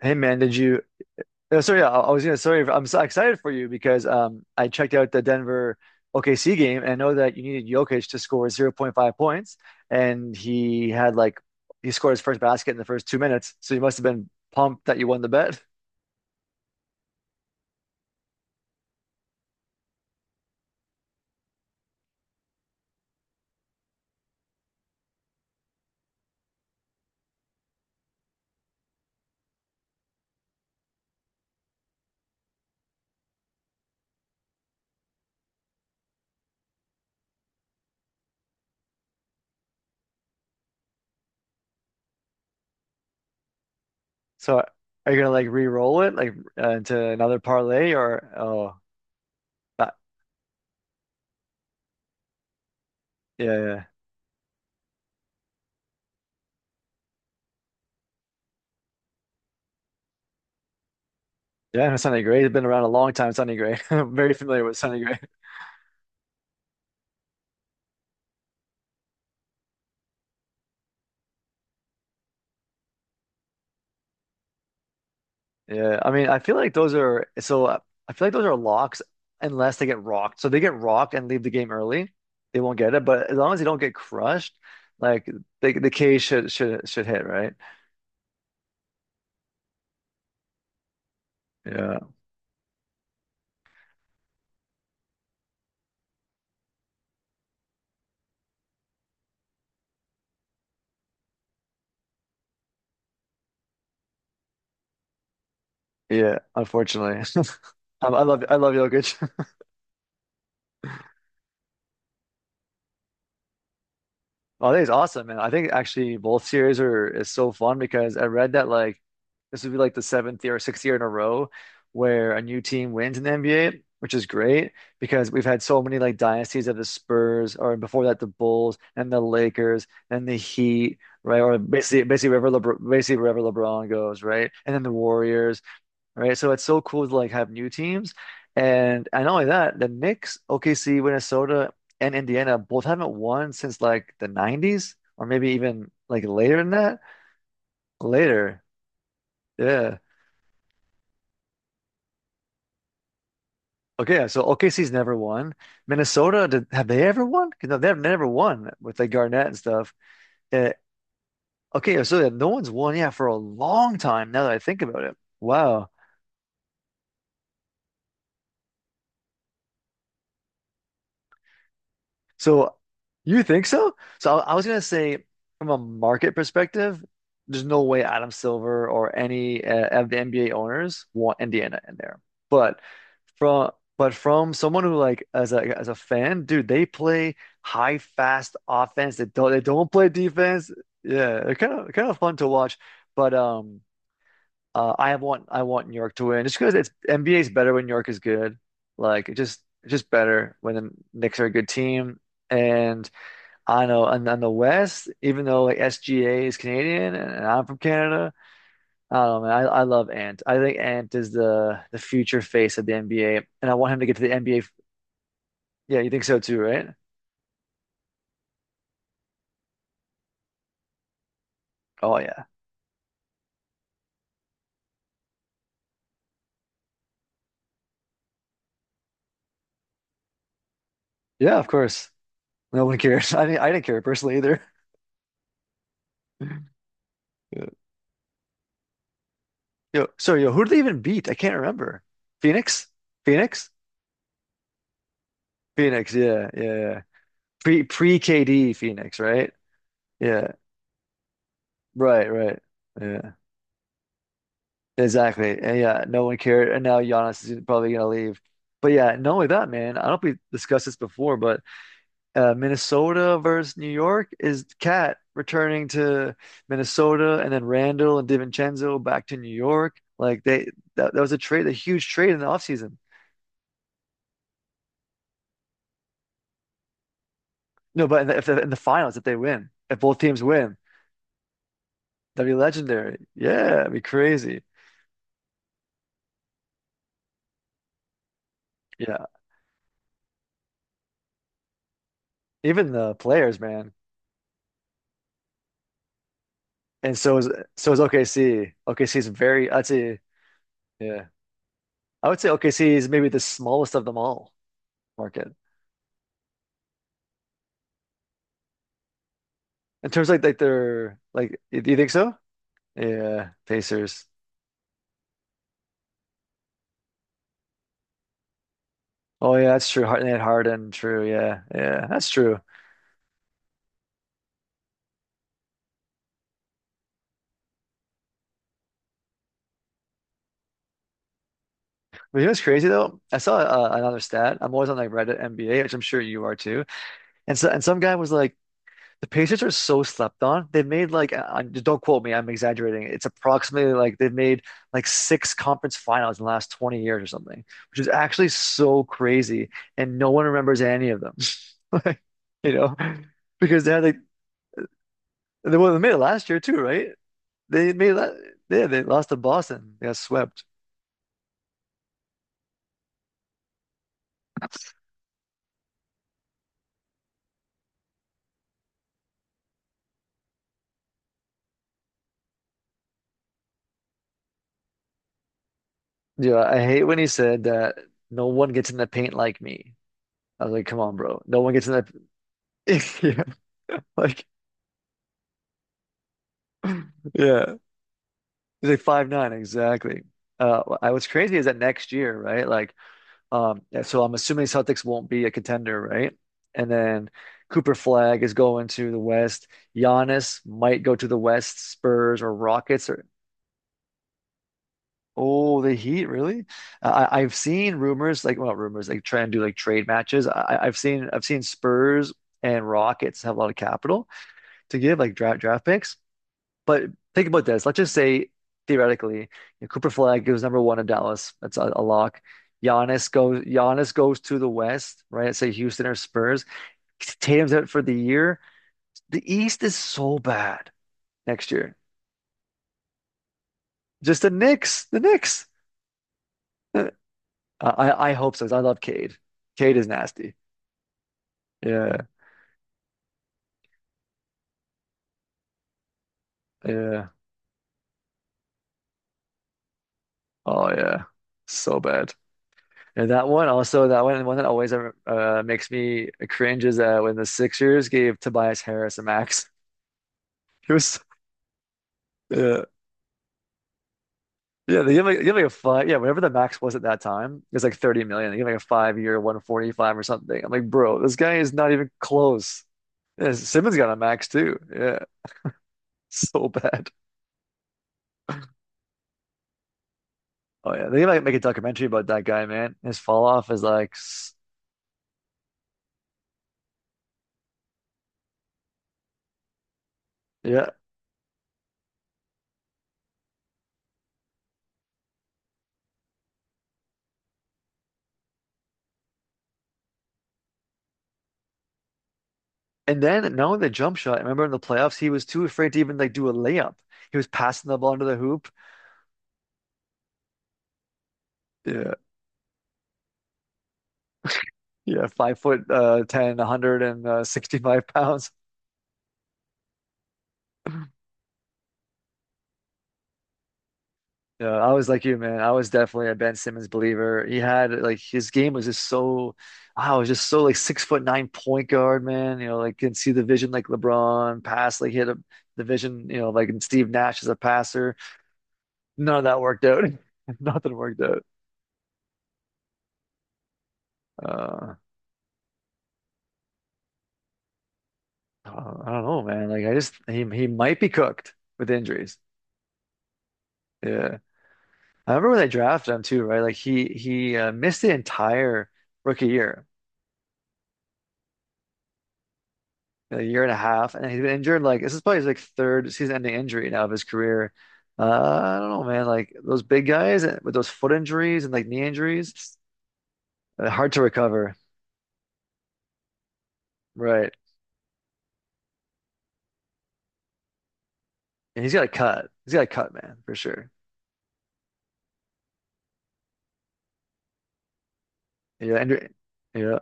Hey man, did you? So yeah, I was gonna. Sorry, I'm so excited for you because I checked out the Denver OKC game and I know that you needed Jokic to score zero point 0.5 points, and he had like he scored his first basket in the first 2 minutes, so you must have been pumped that you won the bet. So are you gonna like re-roll it like into another parlay or. Oh, that, yeah, yeah. Yeah, no, Sonny Gray. It's been around a long time, Sonny Gray. I'm very familiar with Sonny Gray. Yeah, I mean, I feel like those are so. I feel like those are locks unless they get rocked. So if they get rocked and leave the game early, they won't get it. But as long as they don't get crushed, like the K should hit, right? Yeah, yeah. Unfortunately, I love Jokic. Oh, I think it's awesome, man. I think actually both series are is so fun because I read that like this would be like the seventh year or sixth year in a row where a new team wins in the NBA, which is great because we've had so many like dynasties of the Spurs or before that the Bulls and the Lakers and the Heat, right? Or basically basically wherever LeBron goes, right? And then the Warriors, right? So it's so cool to like have new teams. And not only that, the Knicks, OKC, Minnesota, and Indiana both haven't won since like the 90s or maybe even like later than that. Later. Yeah. Okay, yeah, so OKC's never won. Minnesota, have they ever won? 'Cause no, they've never won with like Garnett and stuff. Uh, okay, yeah, so yeah, no one's won, yeah, for a long time now that I think about it. Wow. So you think so? So I was gonna say from a market perspective, there's no way Adam Silver or any of the NBA owners want Indiana in there. But from someone who like as a fan, dude, they play high fast offense. They don't play defense. Yeah, they're kind of fun to watch. But I want New York to win. Just because it's NBA is better when New York is good. Like it's just better when the Knicks are a good team. And I know, and on the West, even though like SGA is Canadian and I'm from Canada, I don't know, man. I love Ant. I think Ant is the future face of the NBA, and I want him to get to the NBA. Yeah, you think so too, right? Oh yeah, yeah, of course. No one cares. I didn't care personally either. Yo, so, yo, who did they even beat? I can't remember. Phoenix? Phoenix? Phoenix, yeah, yeah, yeah. Pre KD Phoenix, right? Yeah, right, right. Yeah, exactly. And yeah, no one cared. And now Giannis is probably gonna leave. But yeah, not only that, man. I don't know if we discussed this before, but Minnesota versus New York is Cat returning to Minnesota, and then Randall and DiVincenzo back to New York. Like that was a trade, a huge trade in the offseason. No, but in the finals, if they win, if both teams win, that'd be legendary. Yeah, it'd be crazy. Yeah, even the players, man. And so is OKC. OKC is very, I'd say, yeah, I would say OKC is maybe the smallest of them all market in terms of like their like. Do you think so? Yeah, Pacers. Oh yeah, that's true. Hard and had Harden. True. Yeah, yeah, that's true. But you know what's crazy though? I saw another stat. I'm always on like Reddit NBA, which I'm sure you are too. And some guy was like, the Pacers are so slept on. They've made like, I, don't quote me, I'm exaggerating. It's approximately like they've made like six conference finals in the last 20 years or something, which is actually so crazy. And no one remembers any of them. Like, you know, because they had like they, well, they made it last year too, right? They made that, yeah, they lost to Boston. They got swept. Yeah, I hate when he said that no one gets in the paint like me. I was like, come on, bro. No one gets in that. Yeah. Like, yeah. He's like 5'9", exactly. What's crazy is that next year, right? Like, yeah, so I'm assuming Celtics won't be a contender, right? And then Cooper Flag is going to the West. Giannis might go to the West, Spurs or Rockets or. Oh, the Heat, really? I've seen rumors like, well, rumors like try and do like trade matches. I've seen Spurs and Rockets have a lot of capital to give, like draft picks. But think about this. Let's just say theoretically, Cooper Flag goes number one in Dallas. That's a lock. Giannis goes. Giannis goes to the West, right? Say Houston or Spurs. Tatum's out for the year. The East is so bad next year. Just the Knicks. The Knicks. Uh, I hope so. 'Cause I love Cade. Cade is nasty. Yeah. Yeah. Oh yeah. So bad. And that one that always makes me cringe is when the Sixers gave Tobias Harris a max. It was, yeah. Yeah, they give like a five yeah, whatever the max was at that time, it was like 30 million. They give like a 5 year 145 or something. I'm like, bro, this guy is not even close. Yeah, Simmons got a max too. Yeah. So bad. Oh yeah. They like make a documentary about that guy, man. His fall off is like yeah. And then now the jump shot. I remember in the playoffs, he was too afraid to even like do a layup. He was passing the ball into the hoop. Yeah. Yeah. 5 foot 10, 165 pounds. Yeah, I was like you, man. I was definitely a Ben Simmons believer. He had like his game was just so, I was just so like 6 foot nine point guard, man. You know, like can see the vision like LeBron pass, like hit a, the vision, you know, like and Steve Nash as a passer. None of that worked out. Nothing worked out. Uh, I don't know, man. Like I just he might be cooked with injuries. Yeah, I remember when they drafted him too, right? Like he missed the entire rookie year. A year and a half, and he's been injured. Like this is probably his like third season-ending injury now of his career. I don't know, man. Like those big guys with those foot injuries and like knee injuries, hard to recover, right? And he's got to cut. He's got to cut, man, for sure. Yeah, Andrew, yeah.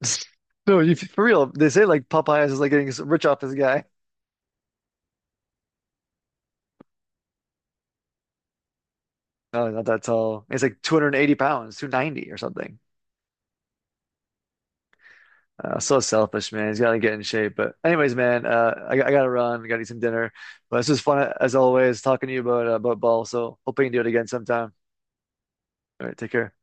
No, you for real. They say like Popeyes is like getting rich off this guy. No, he's not that tall. He's like 280 pounds, 290 or something. So selfish, man. He's gotta get in shape. But anyways, man, I gotta run. I gotta eat some dinner. But this was fun as always, talking to you about about ball. So hoping you do it again sometime. All right, take care.